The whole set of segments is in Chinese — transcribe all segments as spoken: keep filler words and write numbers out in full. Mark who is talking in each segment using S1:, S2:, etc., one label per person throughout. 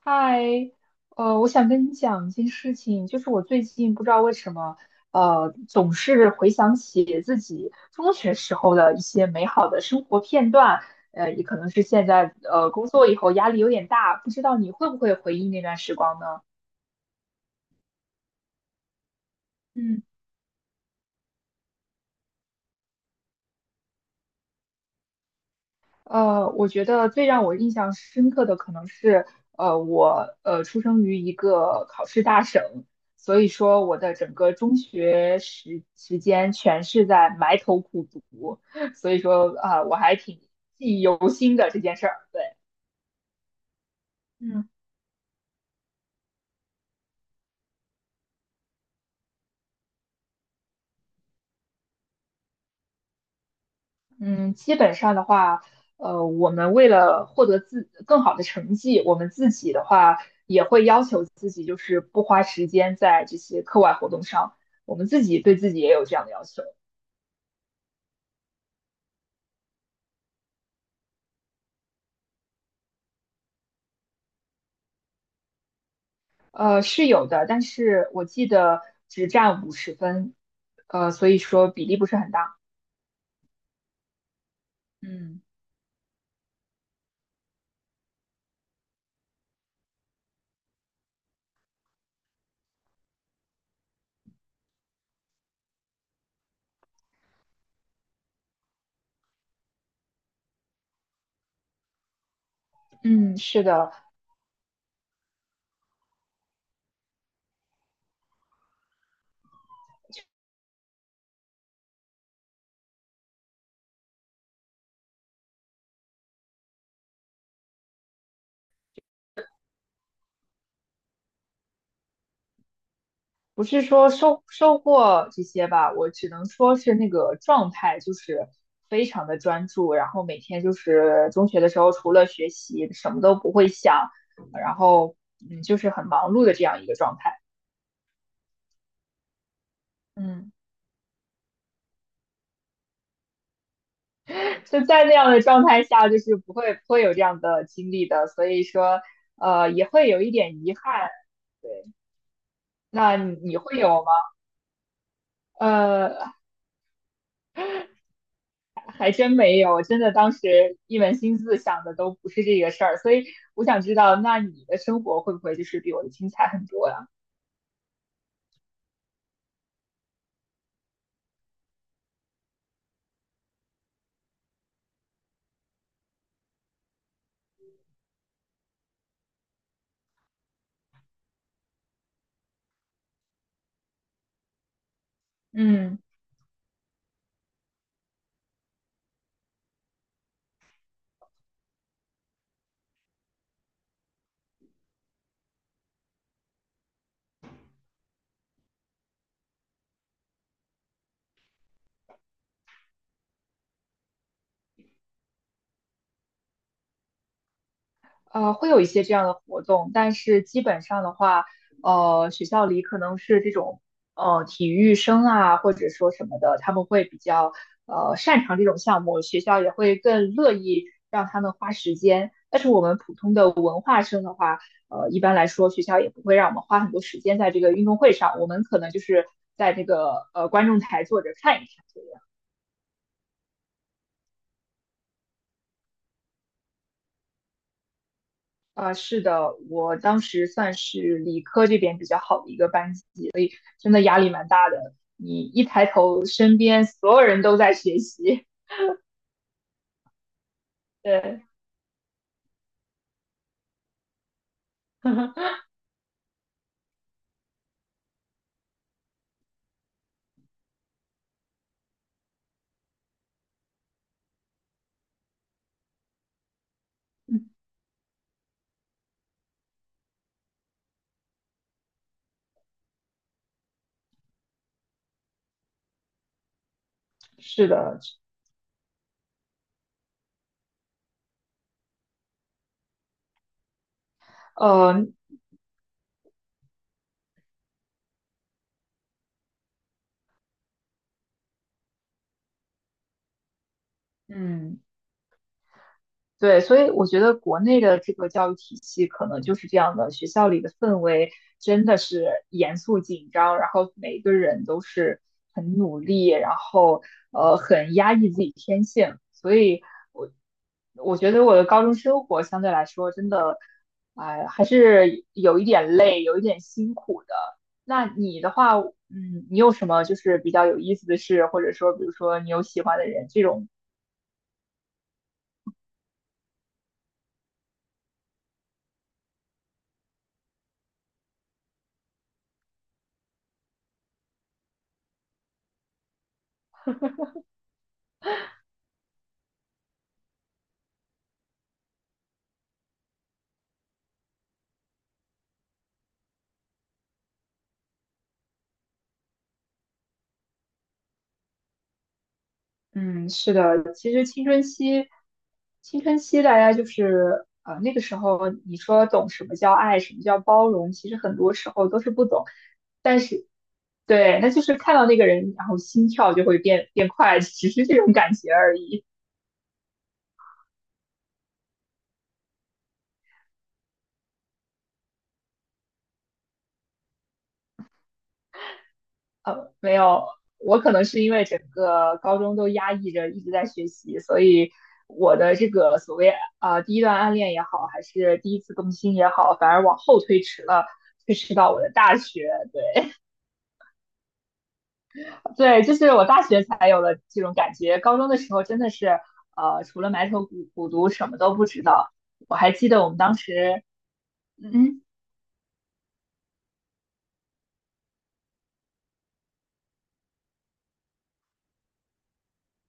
S1: 嗨，呃，我想跟你讲一件事情，就是我最近不知道为什么，呃，总是回想起自己中学时候的一些美好的生活片段，呃，也可能是现在呃工作以后压力有点大，不知道你会不会回忆那段时光呢？嗯。呃，我觉得最让我印象深刻的可能是，呃，我呃出生于一个考试大省，所以说我的整个中学时时间全是在埋头苦读，所以说啊，我还挺记忆犹新的这件事儿。对，嗯嗯，基本上的话，呃，我们为了获得自更好的成绩，我们自己的话也会要求自己，就是不花时间在这些课外活动上，我们自己对自己也有这样的要求。呃，是有的，但是我记得只占五十分，呃，所以说比例不是很大。嗯嗯，是的，不是说收收获这些吧，我只能说是那个状态就是非常的专注，然后每天就是中学的时候除了学习什么都不会想，然后嗯就是很忙碌的这样一个状态。嗯就在那样的状态下，就是不会不会有这样的经历的，所以说呃也会有一点遗憾。对。那你会有吗？呃，还真没有，真的当时一门心思想的都不是这个事儿，所以我想知道，那你的生活会不会就是比我的精彩很多呀？嗯。呃，会有一些这样的活动，但是基本上的话，呃，学校里可能是这种呃体育生啊，或者说什么的，他们会比较呃擅长这种项目，学校也会更乐意让他们花时间。但是我们普通的文化生的话，呃，一般来说学校也不会让我们花很多时间在这个运动会上，我们可能就是在这个呃观众台坐着看一看。啊，是的，我当时算是理科这边比较好的一个班级，所以真的压力蛮大的。你一抬头，身边所有人都在学习。对，是的，呃，嗯。对，所以我觉得国内的这个教育体系可能就是这样的，学校里的氛围真的是严肃紧张，然后每个人都是很努力，然后呃很压抑自己天性，所以我我觉得我的高中生活相对来说真的，哎、还是有一点累，有一点辛苦。那你的话，嗯，你有什么就是比较有意思的事，或者说比如说你有喜欢的人这种嗯，是的，其实青春期，青春期大家就是呃那个时候，你说懂什么叫爱，什么叫包容，其实很多时候都是不懂。但是，对，那就是看到那个人，然后心跳就会变变快，只是这种感觉而已。呃，没有，我可能是因为整个高中都压抑着，一直在学习，所以我的这个所谓呃第一段暗恋也好，还是第一次动心也好，反而往后推迟了，推迟到我的大学。对。对，就是我大学才有了这种感觉，高中的时候真的是，呃，除了埋头苦苦读，什么都不知道。我还记得我们当时，嗯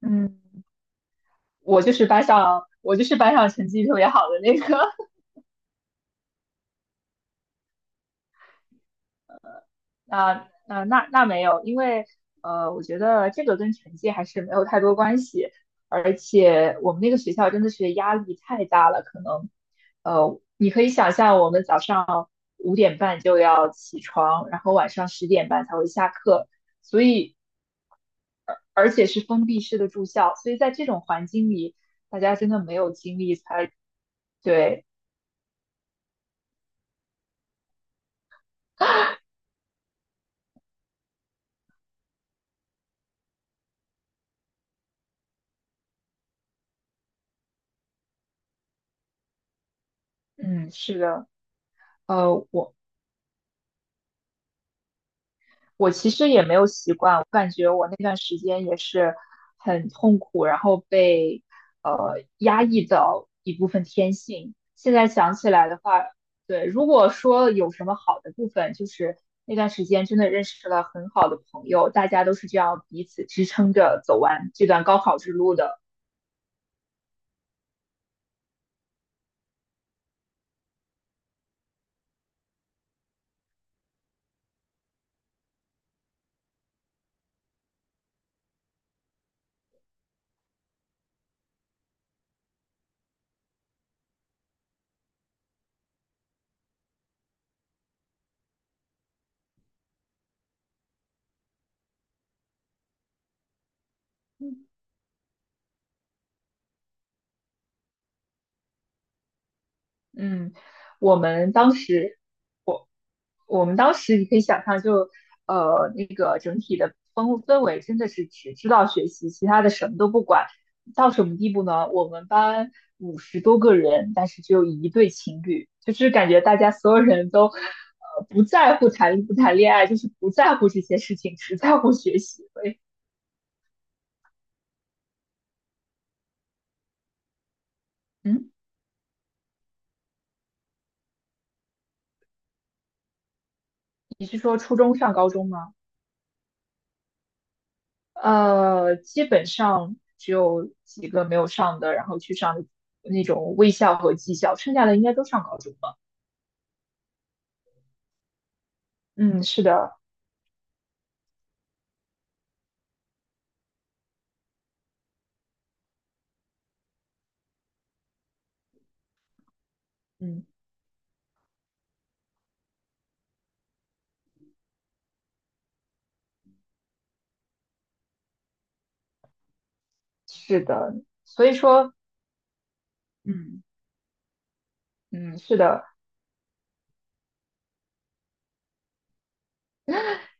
S1: 嗯，我就是班上，我就是班上成绩特别好的那个。那那那那没有，因为呃，我觉得这个跟成绩还是没有太多关系，而且我们那个学校真的是压力太大了，可能呃，你可以想象我们早上五点半就要起床，然后晚上十点半才会下课，所以而且是封闭式的住校，所以在这种环境里，大家真的没有精力才对，嗯，是的。呃，我我其实也没有习惯，我感觉我那段时间也是很痛苦，然后被呃压抑到一部分天性。现在想起来的话，对，如果说有什么好的部分，就是那段时间真的认识了很好的朋友，大家都是这样彼此支撑着走完这段高考之路的。嗯，我们当时，我我们当时你可以想象就，呃那个整体的氛氛围真的是只知道学习，其他的什么都不管。到什么地步呢？我们班五十多个人，但是只有一对情侣，就是感觉大家所有人都呃不在乎谈不谈恋爱，就是不在乎这些事情，只在乎学习。所以，嗯，你是说初中上高中吗？呃，基本上只有几个没有上的，然后去上那种卫校和技校，剩下的应该都上高中了。嗯，是的，嗯，是的，所以说，嗯嗯，是的，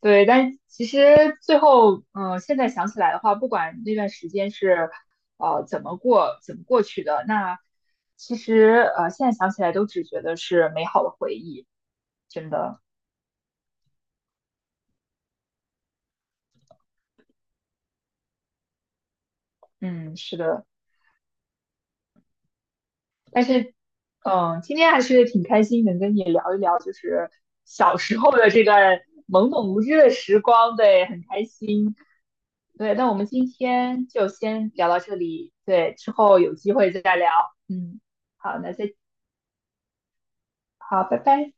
S1: 对。但其实最后，嗯、呃现在想起来的话，不管那段时间是呃怎么过怎么过去的，那其实呃现在想起来都只觉得是美好的回忆，真的。嗯，是的。但是，嗯，今天还是挺开心，能跟你聊一聊，就是小时候的这段懵懂无知的时光，对，很开心。对，那我们今天就先聊到这里，对，之后有机会再聊。嗯，好，那再好，拜拜。